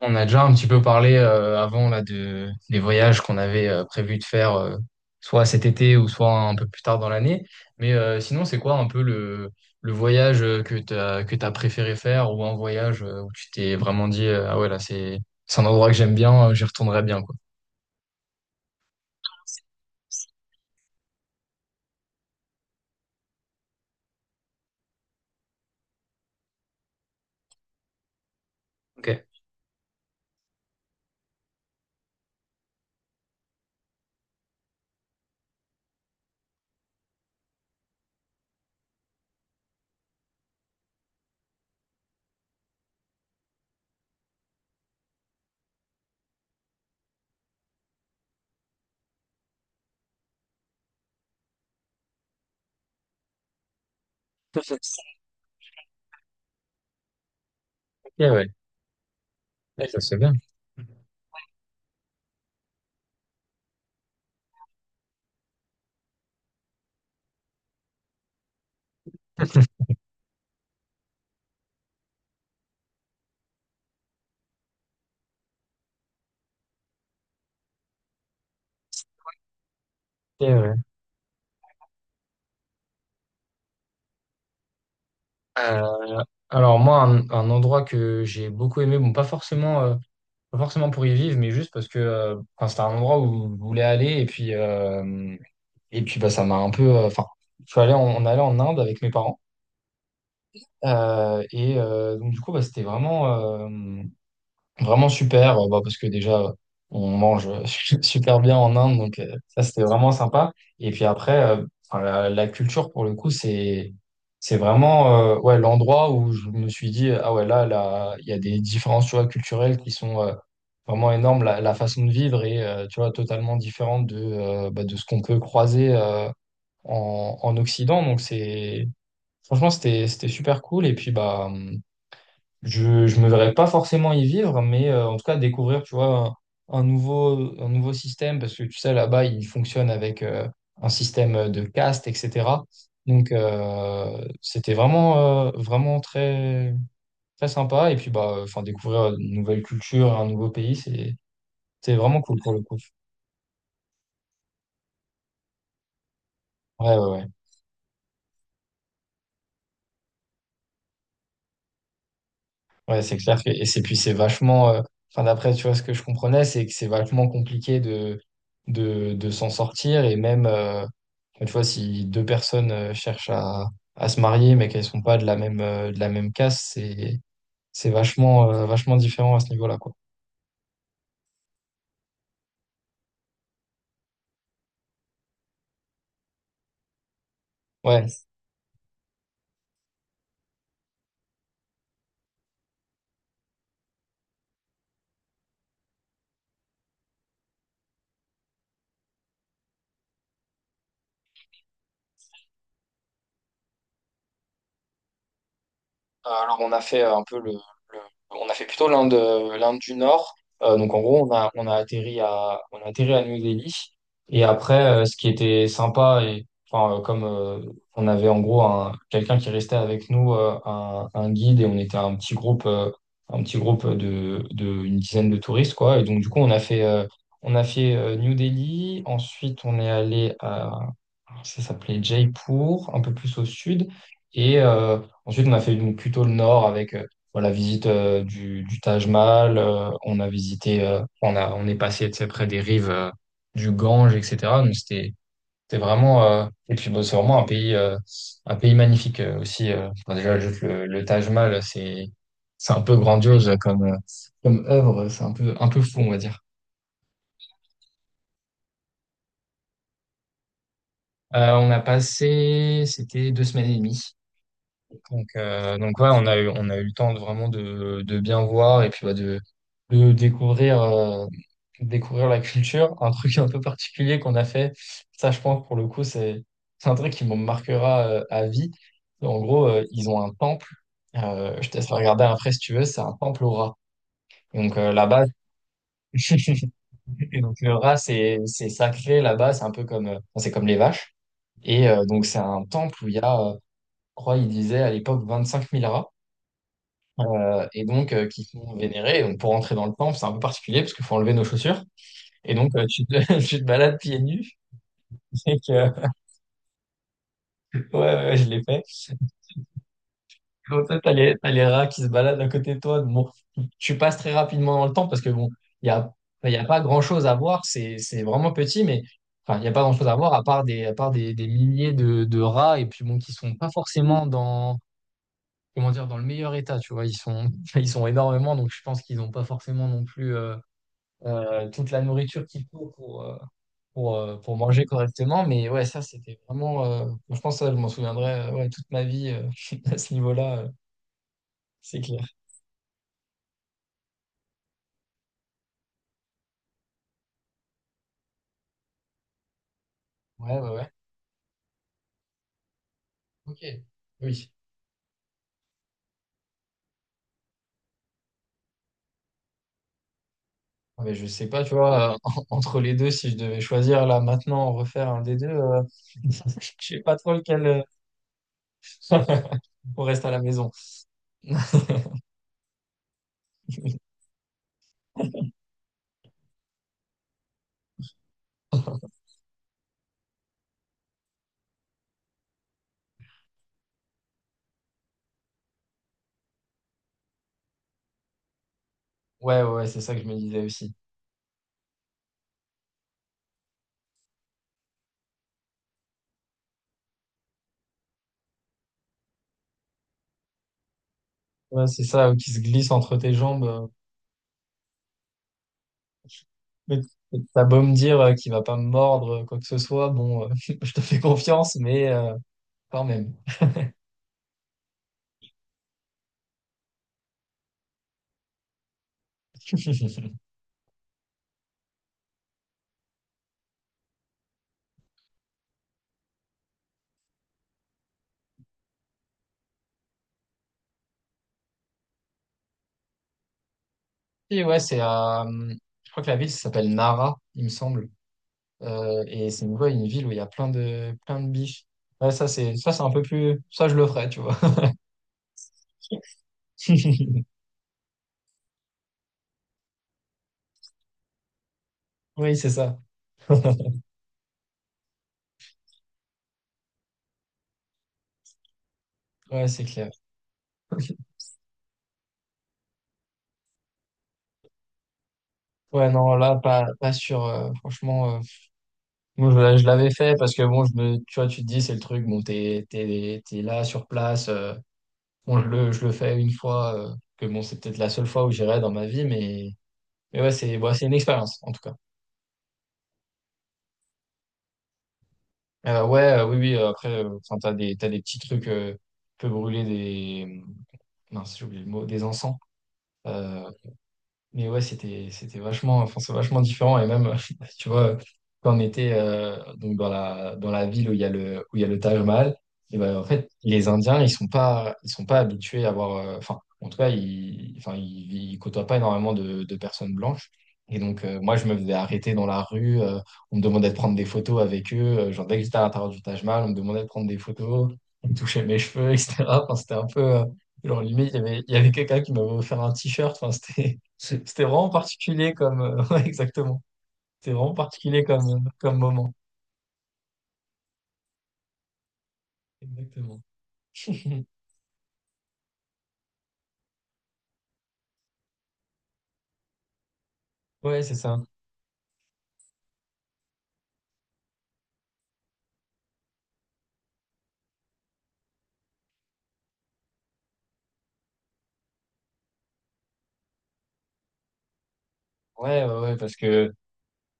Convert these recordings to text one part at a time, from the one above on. On a déjà un petit peu parlé avant là de des voyages qu'on avait prévu de faire soit cet été ou soit un peu plus tard dans l'année. Mais sinon, c'est quoi un peu le voyage que t'as préféré faire ou un voyage où tu t'es vraiment dit ah ouais là c'est un endroit que j'aime bien, j'y retournerai bien quoi. Ok. Ok, ouais. Ouais, ça se fait bien. Ok, ouais. Euh, alors moi, un endroit que j'ai beaucoup aimé, bon pas forcément. Pas forcément pour y vivre, mais juste parce que enfin, c'était un endroit où je voulais aller. Et puis bah, ça m'a un peu. Enfin, je suis allé en, on allait en Inde avec mes parents. Et donc, du coup, bah, c'était vraiment. euh, Vraiment super, bah, parce que déjà, on mange super bien en Inde, donc ça, c'était vraiment sympa. Et puis après, enfin, la culture, pour le coup, c'est, vraiment ouais, l'endroit où je me suis dit, ah ouais, là, là, il y a des différences, tu vois, culturelles qui sont vraiment énormes. La façon de vivre est, tu vois, totalement différente de, bah, de ce qu'on peut croiser en, Occident. Donc c'est, franchement, c'était super cool. Et puis, bah, je me verrais pas forcément y vivre, mais en tout cas découvrir, tu vois, un nouveau, un nouveau système, parce que tu sais, là-bas, il fonctionne avec un système de caste, etc. Donc, c'était vraiment, vraiment très, très sympa. Et puis, bah, enfin, découvrir une nouvelle culture, un nouveau pays, c'est, vraiment cool pour le coup. Ouais, ouais, ouais. Ouais, c'est clair que, et c'est puis c'est vachement, enfin d'après, tu vois, ce que je comprenais, c'est que c'est vachement compliqué de, s'en sortir et même, tu vois, si deux personnes cherchent à se marier mais qu'elles sont pas de la même, de la même caste, c'est vachement, vachement différent à ce niveau-là, quoi. Ouais. Alors on a fait un peu le, on a fait plutôt l'Inde, l'Inde du Nord. Donc en gros on a atterri à on a atterri à New Delhi et après ce qui était sympa et enfin comme on avait en gros un quelqu'un qui restait avec nous un, guide et on était un petit groupe un petit groupe de une dizaine de touristes quoi et donc du coup on a fait New Delhi, ensuite on est allé à, ça s'appelait Jaipur, un peu plus au sud, et euh, Ensuite, on a fait donc plutôt le nord avec voilà, la visite du, Taj Mahal. On a visité, on est passé, tu sais, près des rives du Gange, etc. Donc c'était, vraiment, et puis bon, c'est vraiment un pays, un pays magnifique aussi. Enfin, déjà, juste le, Taj Mahal, c'est un peu grandiose comme, comme œuvre. C'est un peu fou, on va dire. On a passé, c'était 2 semaines et demie. Donc ouais, on a eu le temps de vraiment de, bien voir et puis bah, de découvrir, découvrir la culture. Un truc un peu particulier qu'on a fait, ça je pense pour le coup, c'est un truc qui me marquera à vie. En gros, ils ont un temple. Je te laisse regarder après si tu veux, c'est un temple au rat. Donc là-bas, et donc le rat c'est sacré là-bas, c'est un peu comme enfin, c'est comme les vaches. Et donc c'est un temple où il y a, je crois, ils disaient à l'époque 25 000 rats. Et donc qui sont vénérés. Et donc pour rentrer dans le temple, c'est un peu particulier parce qu'il faut enlever nos chaussures. Et donc tu te, tu te balades pieds nus. Et que, ouais, ouais, ouais, je l'ai fait. Donc toi, t'as les, rats qui se baladent à côté de toi. Bon, tu passes très rapidement dans le temple parce que bon, il y a, il y a, pas grand-chose à voir. C'est vraiment petit, mais enfin, il n'y a pas grand-chose à voir à part des milliers de rats et puis bon, qui sont pas forcément dans, comment dire, dans le meilleur état, tu vois. Ils sont, ils sont énormément, donc je pense qu'ils n'ont pas forcément non plus. Toute la nourriture qu'il faut pour manger correctement. Mais ouais, ça, c'était vraiment. Je pense que ça, je m'en souviendrai ouais, toute ma vie à ce niveau-là, c'est clair. Ouais, ouais, ouais. Ok. Oui. Ah, mais je sais pas, tu vois, entre les deux, si je devais choisir là maintenant, refaire un des deux, je sais pas trop lequel. On reste à la maison. Ouais, ouais, ouais, c'est ça que je me disais aussi. Ouais, c'est ça qui se glisse entre tes jambes. Mais t'as beau me dire qu'il va pas me mordre, quoi que ce soit, bon, je te fais confiance, mais quand même. Et ouais, je crois que la ville s'appelle Nara, il me semble. Et c'est une, ouais, une ville où il y a plein de, biches. Ouais, ça, c'est un peu plus, ça, je le ferais, tu vois. Oui, c'est ça. Ouais, c'est clair. Ouais, non, là, pas, pas sûr. Franchement, moi, je, l'avais fait parce que, bon, je me, tu vois, tu te dis, c'est le truc, bon, t'es, là sur place. Bon, je le fais une fois, que bon, c'est peut-être la seule fois où j'irai dans ma vie, mais ouais, c'est bon, c'est une expérience, en tout cas. Ouais, oui, oui, après, enfin, t'as des, petits trucs, tu peux brûler des, mince, j'ai oublié le mot, des encens. Euh, Mais ouais, c'était vachement, enfin, c'est vachement différent. Et même, tu vois, quand on était donc dans la, ville où il y a le, où il y a le Taj Mahal, et ben, en fait, les Indiens, ils sont pas, habitués à avoir. Enfin, en tout cas, ils, enfin, ils côtoient pas énormément de personnes blanches. Et donc, moi, je me faisais arrêter dans la rue. On me demandait de prendre des photos avec eux. Genre, dès que j'étais à l'intérieur du Taj Mahal, on me demandait de prendre des photos. On me touchait mes cheveux, etc. Enfin, c'était un peu. Genre, limite, il y avait quelqu'un qui m'avait offert un t-shirt. Enfin, c'était. C'était vraiment particulier comme. Ouais, exactement. C'était vraiment particulier comme, comme moment. Exactement. Ouais, c'est ça. Ouais, ouais, ouais, parce que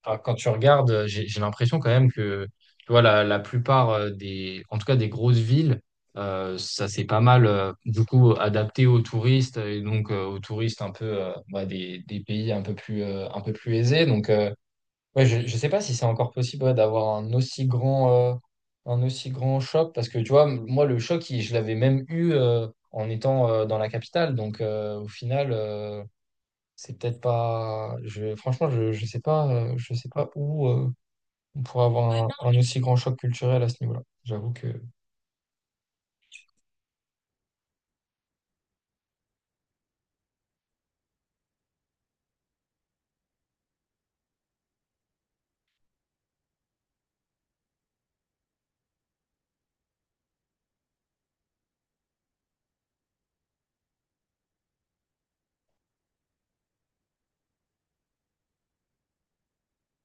enfin, quand tu regardes, j'ai l'impression quand même que tu vois, la plupart des, en tout cas des grosses villes, ça s'est pas mal du coup adapté aux touristes et donc aux touristes un peu bah, des pays un peu plus, un peu plus aisés. Donc, ouais, je ne sais pas si c'est encore possible, ouais, d'avoir un aussi grand, un aussi grand choc, parce que tu vois, moi, le choc, je l'avais même eu en étant dans la capitale. Donc, au final, c'est peut-être pas. Je, franchement, je ne sais pas, je sais pas où on pourrait, ouais, avoir un aussi grand choc culturel à ce niveau-là. J'avoue que.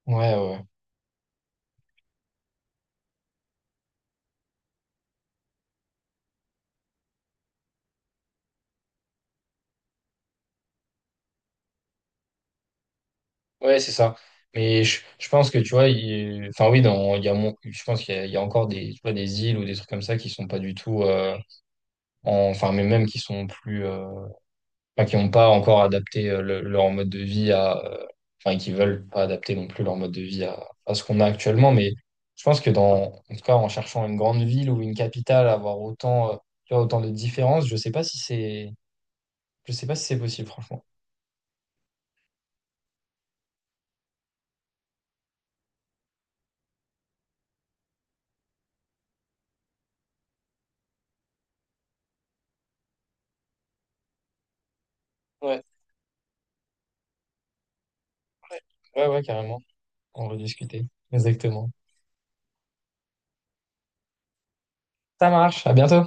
Ouais, ouais. Ouais, ouais, c'est ça. Mais je, pense que, tu vois, il, enfin, oui, dans, il y a mon, je pense qu'il y a encore des, tu vois, des îles ou des trucs comme ça qui sont pas du tout. Enfin, mais même qui sont plus. Enfin, qui n'ont pas encore adapté leur mode de vie à, enfin, qui veulent pas adapter non plus leur mode de vie à, ce qu'on a actuellement. Mais je pense que dans, en tout cas, en cherchant une grande ville ou une capitale, avoir autant, tu vois, autant de différences, je sais pas si c'est, je sais pas si c'est, possible, franchement. Ouais. Ouais, ouais, carrément. On va discuter. Exactement. Ça marche. À bientôt.